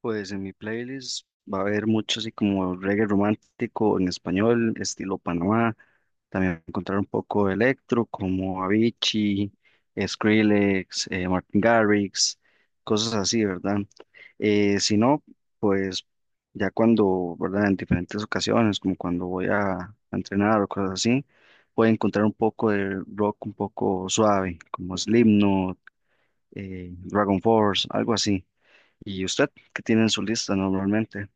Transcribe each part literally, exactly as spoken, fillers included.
Pues en mi playlist va a haber mucho así como reggae romántico en español, estilo Panamá. También encontrar un poco de electro como Avicii, Skrillex, eh, Martin Garrix, cosas así, ¿verdad? Eh, si no, pues ya cuando, ¿verdad? En diferentes ocasiones, como cuando voy a, a entrenar o cosas así, puedo encontrar un poco de rock un poco suave, como Slipknot, eh, Dragon Force, algo así. ¿Y usted qué tiene en su lista normalmente?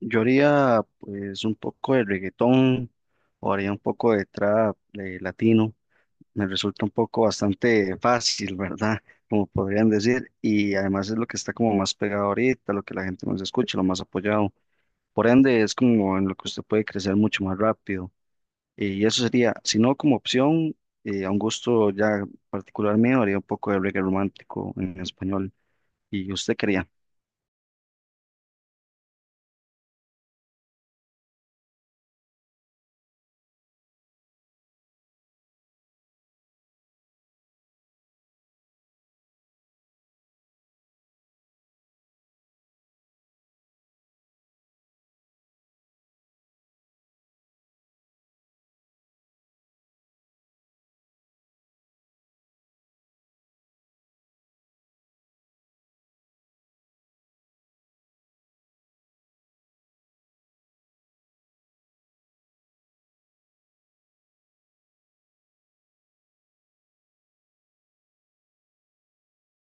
Yo haría pues un poco de reggaetón o haría un poco de trap de latino. Me resulta un poco bastante fácil, ¿verdad? Como podrían decir. Y además es lo que está como más pegado ahorita, lo que la gente más escucha, lo más apoyado. Por ende, es como en lo que usted puede crecer mucho más rápido. Y eso sería, si no como opción, eh, a un gusto ya particular mío, haría un poco de reggae romántico en español. ¿Y usted quería?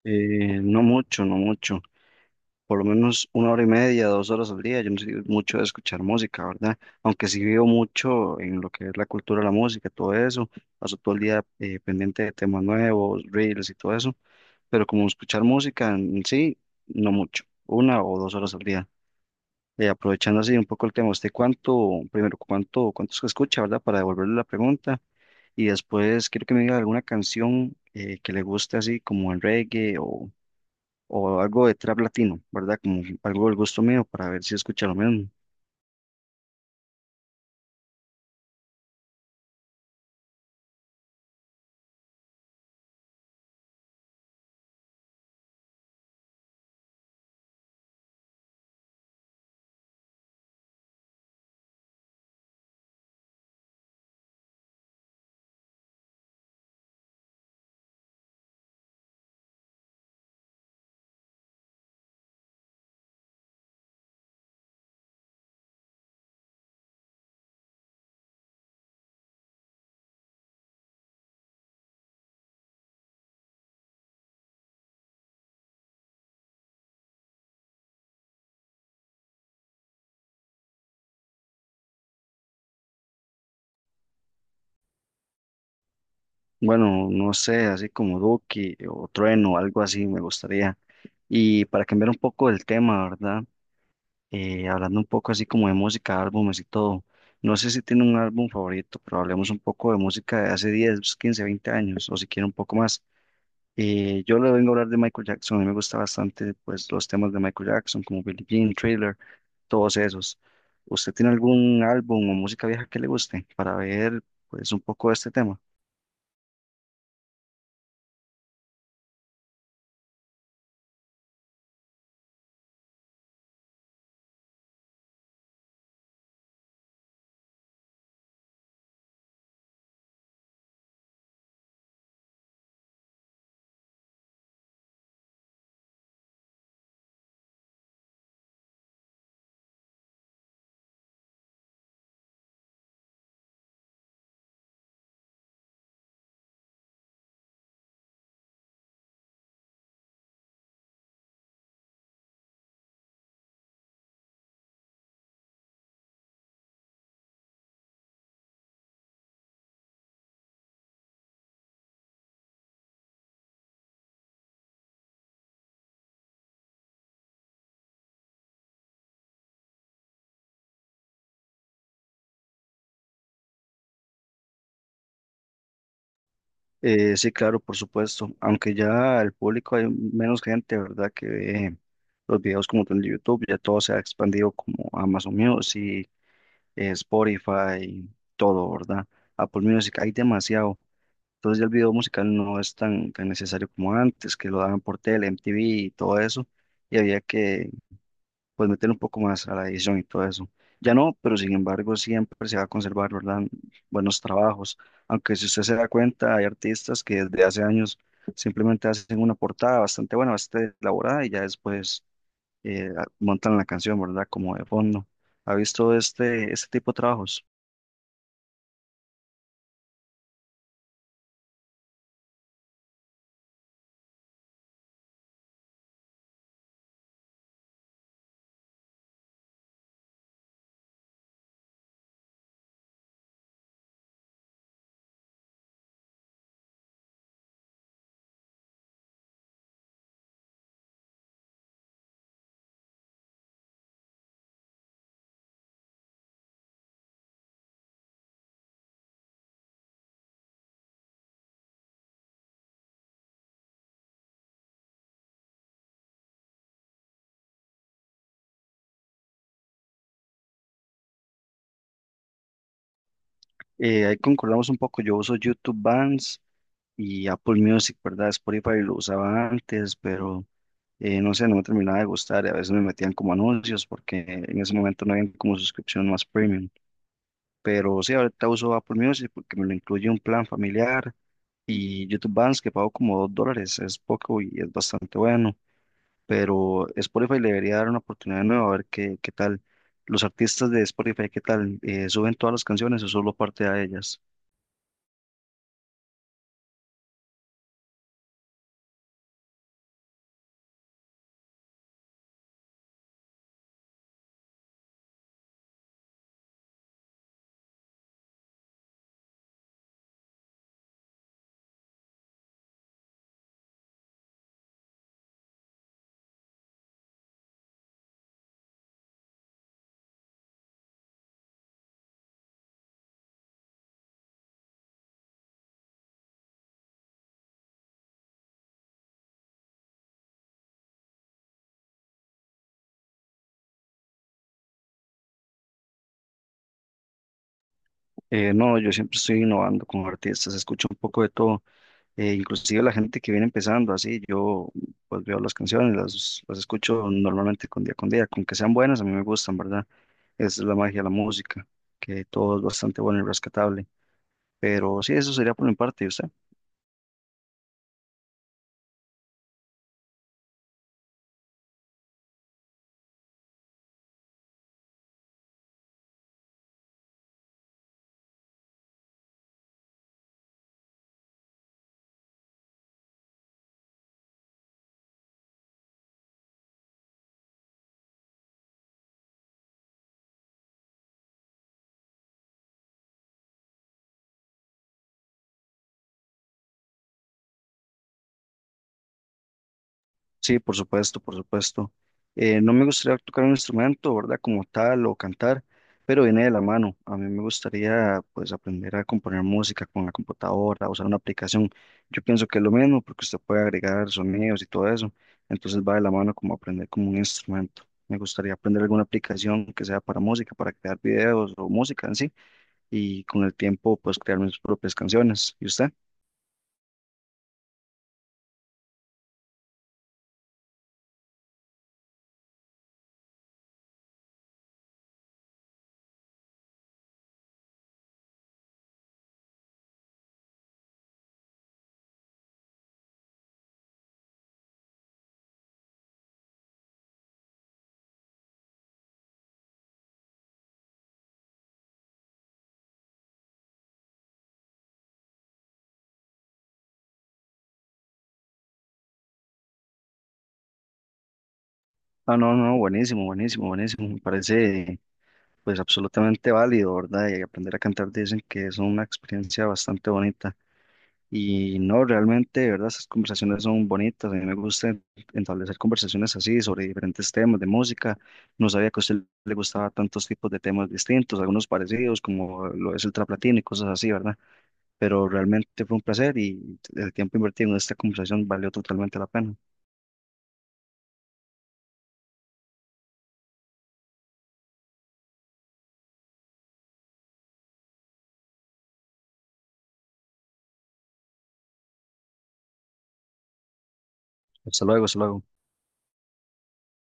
Eh, no mucho, no mucho. Por lo menos una hora y media, dos horas al día. Yo no soy mucho de escuchar música, ¿verdad? Aunque sí vivo mucho en lo que es la cultura de la música, todo eso. Paso todo el día eh, pendiente de temas nuevos, reels y todo eso. Pero como escuchar música en sí, no mucho. Una o dos horas al día. Eh, aprovechando así un poco el tema, ¿usted cuánto, primero, cuánto, cuántos que escucha, ¿verdad? Para devolverle la pregunta. Y después quiero que me diga alguna canción eh, que le guste así como el reggae o o algo de trap latino, ¿verdad? Como algo del gusto mío para ver si escucha lo mismo. Bueno, no sé, así como Duki o Trueno, algo así me gustaría. Y para cambiar un poco el tema, ¿verdad? Eh, hablando un poco así como de música, álbumes y todo. No sé si tiene un álbum favorito, pero hablemos un poco de música de hace diez, quince, veinte años, o si quiere un poco más. Eh, yo le vengo a hablar de Michael Jackson, a mí me gusta bastante pues los temas de Michael Jackson, como Billie Jean, Thriller, todos esos. ¿Usted tiene algún álbum o música vieja que le guste para ver pues un poco de este tema? Eh, sí, claro, por supuesto. Aunque ya el público hay menos gente, ¿verdad? Que ve los videos como tal de YouTube, ya todo se ha expandido como Amazon Music, eh, Spotify, todo, ¿verdad? Apple Music, hay demasiado. Entonces ya el video musical no es tan, tan necesario como antes, que lo daban por tele, M T V y todo eso, y había que pues meter un poco más a la edición y todo eso. Ya no, pero sin embargo siempre se va a conservar, ¿verdad? Buenos trabajos. Aunque si usted se da cuenta, hay artistas que desde hace años simplemente hacen una portada bastante buena, bastante elaborada y ya después eh, a- montan la canción, ¿verdad? Como de fondo. ¿Ha visto este, este tipo de trabajos? Eh, ahí concordamos un poco, yo uso YouTube Bands y Apple Music, ¿verdad? Spotify lo usaba antes, pero eh, no sé, no me terminaba de gustar y a veces me metían como anuncios porque en ese momento no había como suscripción más premium. Pero sí, ahorita uso Apple Music porque me lo incluye un plan familiar y YouTube Bands que pago como dos dólares, es poco y es bastante bueno. Pero Spotify le debería dar una oportunidad nueva a ver qué, qué tal. Los artistas de Spotify, ¿qué tal? Eh, ¿suben todas las canciones o solo parte de ellas? Eh, no, yo siempre estoy innovando con artistas, escucho un poco de todo. Eh, inclusive la gente que viene empezando así, yo pues veo las canciones, las, las escucho normalmente con día con día, con que sean buenas, a mí me gustan, ¿verdad? Esa es la magia de la música, que todo es bastante bueno y rescatable. Pero sí, eso sería por mi parte, ¿y usted? Sí, por supuesto, por supuesto. Eh, no me gustaría tocar un instrumento, ¿verdad? Como tal o cantar, pero viene de la mano. A mí me gustaría, pues, aprender a componer música con la computadora, usar una aplicación. Yo pienso que es lo mismo porque usted puede agregar sonidos y todo eso. Entonces va de la mano como aprender como un instrumento. Me gustaría aprender alguna aplicación que sea para música, para crear videos o música en sí, y con el tiempo, pues, crear mis propias canciones. ¿Y usted? Ah, no, no, buenísimo, buenísimo, buenísimo. Me parece pues absolutamente válido, ¿verdad? Y aprender a cantar dicen que es una experiencia bastante bonita. Y no, realmente, de ¿verdad? Esas conversaciones son bonitas. A mí me gusta establecer conversaciones así sobre diferentes temas de música. No sabía que a usted le gustaba tantos tipos de temas distintos, algunos parecidos, como lo es el trap latino y cosas así, ¿verdad? Pero realmente fue un placer y el tiempo invertido en esta conversación valió totalmente la pena. Hasta luego, hasta luego.